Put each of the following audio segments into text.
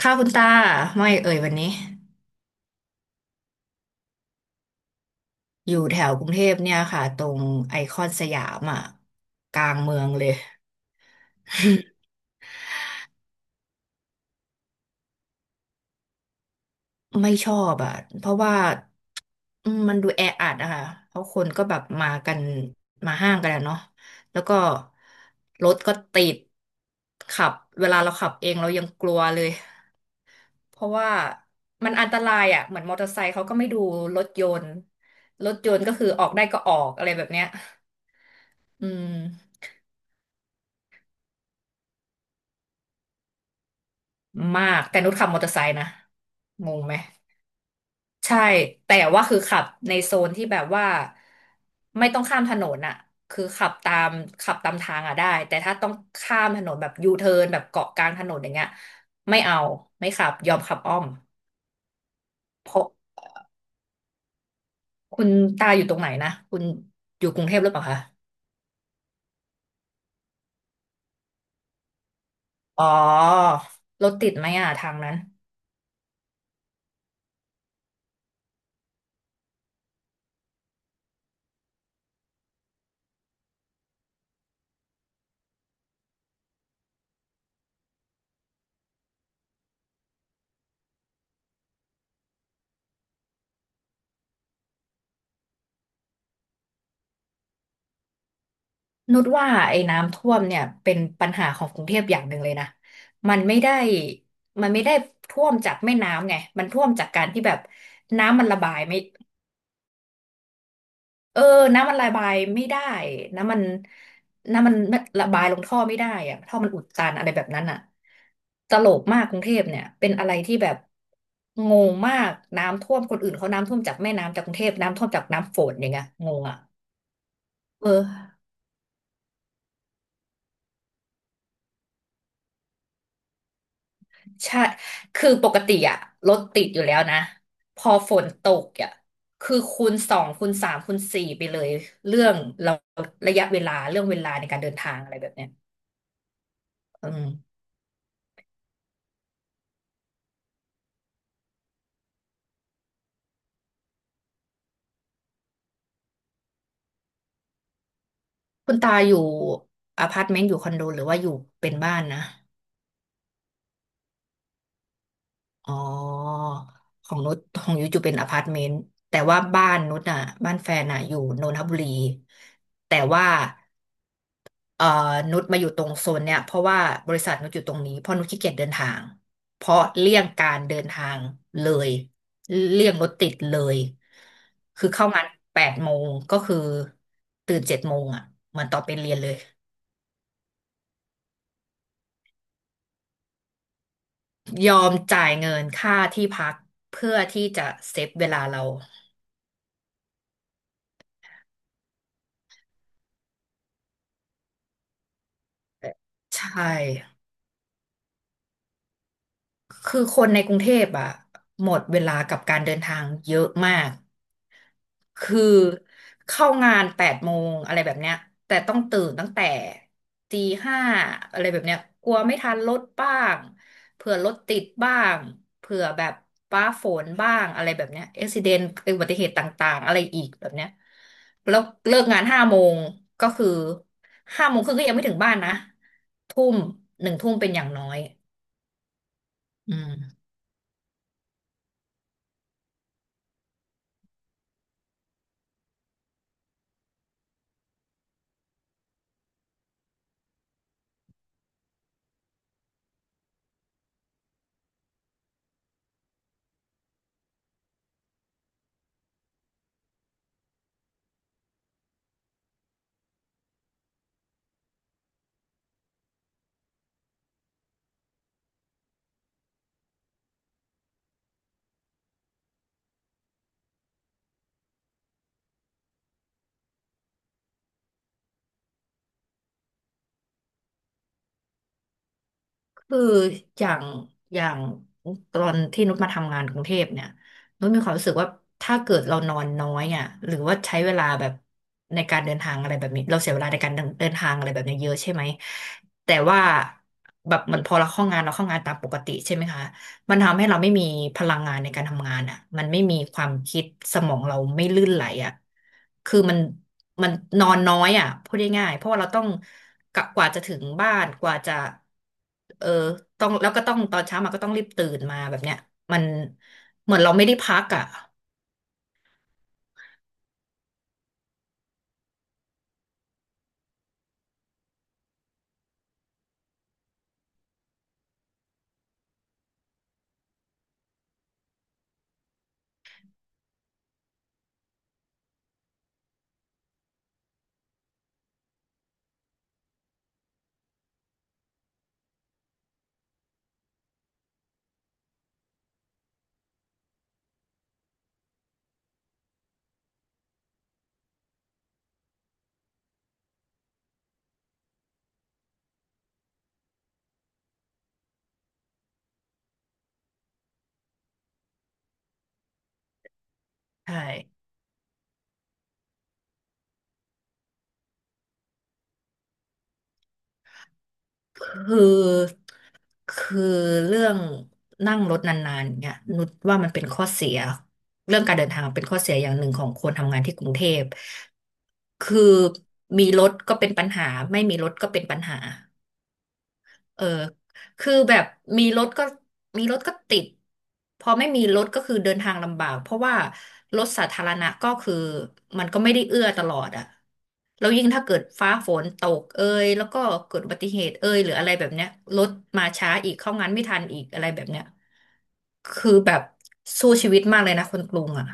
ค่ะคุณตาไม่เอ่ยวันนี้อยู่แถวกรุงเทพเนี่ยค่ะตรงไอคอนสยามอ่ะกลางเมืองเลยไม่ชอบอ่ะเพราะว่ามันดูแออัดอะค่ะเพราะคนก็แบบมากันมาห้างกันอะเนาะแล้วก็รถก็ติดขับเวลาเราขับเองเรายังกลัวเลยเพราะว่ามันอันตรายอ่ะเหมือนมอเตอร์ไซค์เขาก็ไม่ดูรถยนต์รถยนต์ก็คือออกได้ก็ออกอะไรแบบเนี้ยอืม มากแต่นุชขับมอเตอร์ไซค์นะงงไหมใช่แต่ว่าคือขับในโซนที่แบบว่าไม่ต้องข้ามถนนอะคือขับตามทางอะได้แต่ถ้าต้องข้ามถนนแบบยูเทิร์นแบบเกาะกลางถนนอย่างเงี้ยไม่เอาไม่ขับยอมขับอ้อมเพราะคุณตาอยู่ตรงไหนนะคุณอยู่กรุงเทพหรือเปล่าคะอ๋อรถติดไหมอะทางนั้น นุชว่าไอ้น้ำท่วมเนี่ยเป็นปัญหาของกรุงเทพอย่างหนึ่งเลยนะมันไม่ได้มันไม่ได้ท่วมจากแม่น้ำไงมันท่วมจากการที่แบบน้ำมันระบายไม่เออน้ำมันระบายไม่ได้น้ำมันน้ำมันระบายลงท่อไม่ได้อะท่อมันอุดตันอะไรแบบนั้นอะตลกมากกรุงเทพเนี่ยเป็นอะไรที่แบบงงมากน้ำท่วมคนอื่นเขาน้ำท่วมจากแม่น้ำจากกรุงเทพน้ำท่วมจากน้ำฝนอย่างเงี้ยงงอะเออ ใช่คือปกติอะรถติดอยู่แล้วนะพอฝนตกอะคือคูณสองคูณสามคูณสี่ไปเลยเรื่องเราระยะเวลาเรื่องเวลาในการเดินทางอะไรแบบเนี้ยอืมคุณตาอยู่อพาร์ตเมนต์อยู่คอนโดหรือว่าอยู่เป็นบ้านนะอ๋อของนุชของยุ้ยอยู่เป็นอพาร์ตเมนต์แต่ว่าบ้านนุชอ่ะบ้านแฟนอ่ะอยู่นนทบุรีแต่ว่า เอ่อนุชมาอยู่ตรงโซนเนี่ยเพราะว่าบริษัทนุชอยู่ตรงนี้เพราะนุชขี้เกียจเดินทางเพราะเลี่ยงการเดินทางเลยเลี่ยงรถติดเลยคือเข้างานแปดโมงก็คือตื่นเจ็ดโมงอ่ะเหมือนตอนไปเรียนเลยยอมจ่ายเงินค่าที่พักเพื่อที่จะเซฟเวลาเราใช่ คือคนในกรุงเทพอ่ะหมดเวลากับการเดินทางเยอะมาก คือเข้างานแปดโมงอะไรแบบเนี้ยแต่ต้องตื่นตั้งแต่ตีห้าอะไรแบบเนี้ยกลัวไม่ทันรถบ้างเผื่อรถติดบ้างเผื่อแบบฟ้าฝนบ้างอะไรแบบเนี้ยอุบัติเหตุต่างๆอะไรอีกแบบเนี้ยแล้วเลิกงานห้าโมงก็คือห้าโมงครึ่งก็ยังไม่ถึงบ้านนะทุ่มหนึ่งทุ่มเป็นอย่างน้อยอืม คืออย่างอย่างตอนที่นุชมาทำงานกรุงเทพเนี่ยนุชมีความรู้สึกว่าถ้าเกิดเรานอนน้อยอ่ะหรือว่าใช้เวลาแบบในการเดินทางอะไรแบบนี้เราเสียเวลาในการเดินเดินทางอะไรแบบนี้เยอะใช่ไหมแต่ว่าแบบเหมือนพอเราเข้างานเราเข้างานตามปกติใช่ไหมคะ มันทำให้เราไม่มีพลังงานในการทำงานอ่ะมันไม่มีความคิดสมองเราไม่ลื่นไหลอ่ะคือมันนอนน้อยอ่ะพูดง่ายๆเพราะว่าเราต้องกะกว่าจะถึงบ้านกว่าจะเออต้องแล้วก็ต้องตอนเช้ามาก็ต้องรีบตื่นมาแบบเนี้ยมันเหมือนเราไม่ได้พักอ่ะใช่คือคือเรื่องนั่งรถนานๆเนี่ยนุชว่ามันเป็นข้อเสียเรื่องการเดินทางเป็นข้อเสียอย่างหนึ่งของคนทำงานที่กรุงเทพ คือมีรถก็เป็นปัญหาไม่มีรถก็เป็นปัญหาเออคือแบบมีรถก็มีรถก็ติดพอไม่มีรถก็คือเดินทางลำบากเพราะว่ารถสาธารณะก็คือมันก็ไม่ได้เอื้อตลอดอะแล้วยิ่งถ้าเกิดฟ้าฝนตกเอยแล้วก็เกิดอุบัติเหตุเอยหรืออะไรแบบเนี้ยรถมาช้าอีกเข้างานไม่ทันอีกอะไรแบบเนี้ยคือแบบสู้ชีวิตมากเลยนะคนกรุงอะ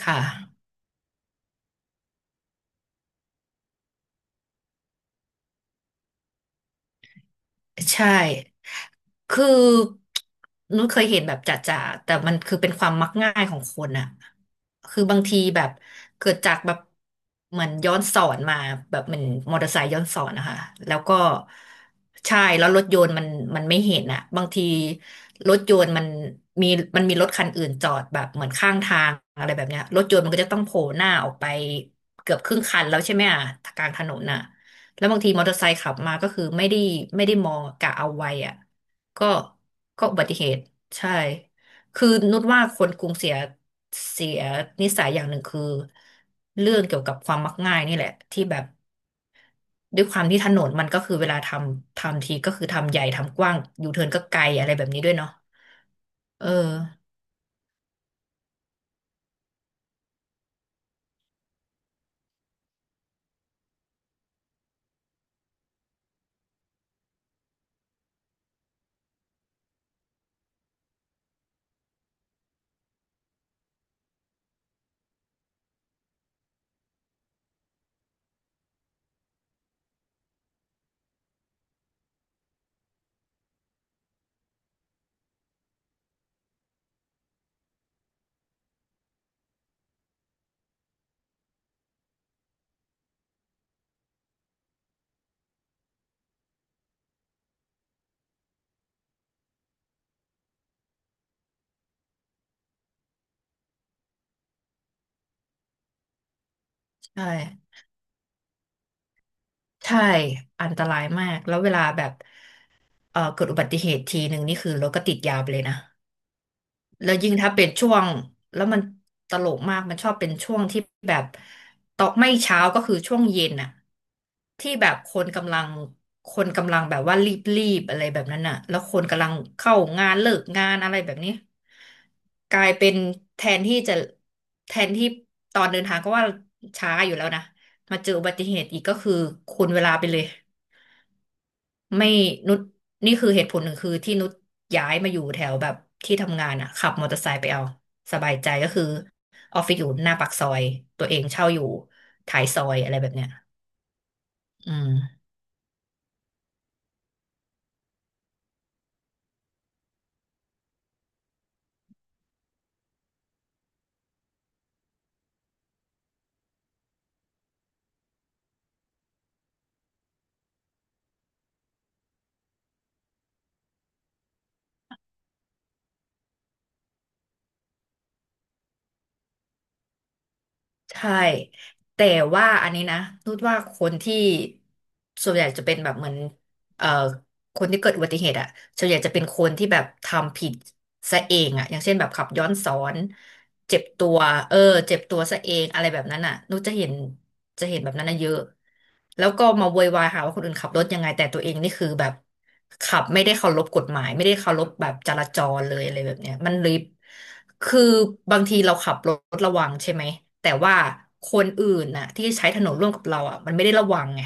ค่ะ ใช่คือนุ้ยเคยเห็นแบบจ่าๆแต่มันคือเป็นความมักง่ายของคนอะคือบางทีแบบเกิดจากแบบเหมือนย้อนสอนมาแบบเหมือนมอเตอร์ไซค์ย้อนสอนนะคะแล้วก็ใช่แล้วรถยนต์มันมันไม่เห็นอะบางทีรถยนต์มันมีมันมีรถคันอื่นจอดแบบเหมือนข้างทางอะไรแบบเนี้ยรถยนต์มันก็จะต้องโผล่หน้าออกไปเกือบครึ่งคันแล้วใช่ไหมอะกลางถนนอะ แล้วบางทีมอเตอร์ไซค์ขับมาก็คือไม่ได้มองกะเอาไว้อ่ะก็ก็อุบัติเหตุใช่คือนุชว่าคนกรุงเสียนิสัยอย่างหนึ่งคือเรื่องเกี่ยวกับความมักง่ายนี่แหละที่แบบด้วยความที่ถนนมันก็คือเวลาทำทีก็คือทำใหญ่ทำกว้างยูเทิร์นก็ไกลอะไรแบบนี้ด้วยเนาะเออใช่ใช่อันตรายมากแล้วเวลาแบบเออเกิดอุบัติเหตุทีหนึ่งนี่คือรถก็ติดยาวไปเลยนะ แล้วยิ่งถ้าเป็นช่วงแล้วมันตลกมากมันชอบเป็นช่วงที่แบบตอกไม่เช้าก็คือช่วงเย็นอะที่แบบคนกำลังแบบว่ารีบๆอะไรแบบนั้นอะแล้วคนกำลังเข้างานเลิกงานอะไรแบบนี้กลายเป็นแทนที่จะแทนที่ตอนเดินทางก็ว่าช้าอยู่แล้วนะมาเจออุบัติเหตุอีกก็คือคูณเวลาไปเลย ไม่นุชนี่คือเหตุผลหนึ่งคือที่นุชย้ายมาอยู่แถวแบบที่ทำงานอ่ะขับมอเตอร์ไซค์ไปเอาสบายใจก็คือออฟฟิศอยู่หน้าปากซอยตัวเองเช่าอยู่ท้ายซอยอะไรแบบเนี้ยอืมใช่แต่ว่าอันนี้นะนุชว่าคนที่ส่วนใหญ่จะเป็นแบบเหมือนเอ่อคนที่เกิดอุบัติเหตุอ่ะส่วนใหญ่จะเป็นคนที่แบบทำผิดซะเองอ่ะอย่างเช่นแบบขับย้อนสอน เจ็บตัวเออเจ็บตัวซะเองอะไรแบบนั้นน่ะนุกจะเห็นแบบนั้นน่ะเยอะแล้วก็มาโวยวายหาว่าคนอื่นขับรถยังไงแต่ตัวเองนี่คือแบบขับไม่ได้เคารพกฎหมายไม่ได้เคารพแบบจราจรเลยอะไรแบบเนี้ยมันเลยคือบางทีเราขับรถระวังใช่ไหมแต่ว่าคนอื่นน่ะที่ใช้ถนนร่วมกับเราอ่ะมันไม่ได้ระวังไง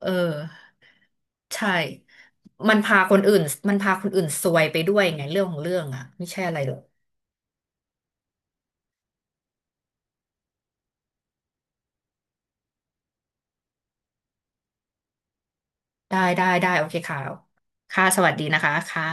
เออใช่มันพาคนอื่นมันพาคนอื่นซวยไปด้วยไงเรื่องของเรื่องอ่ะไม่ใช่อะไรหรอก ได้ได้ได้โอเคค่ะค่ะสวัสดีนะคะค่ะ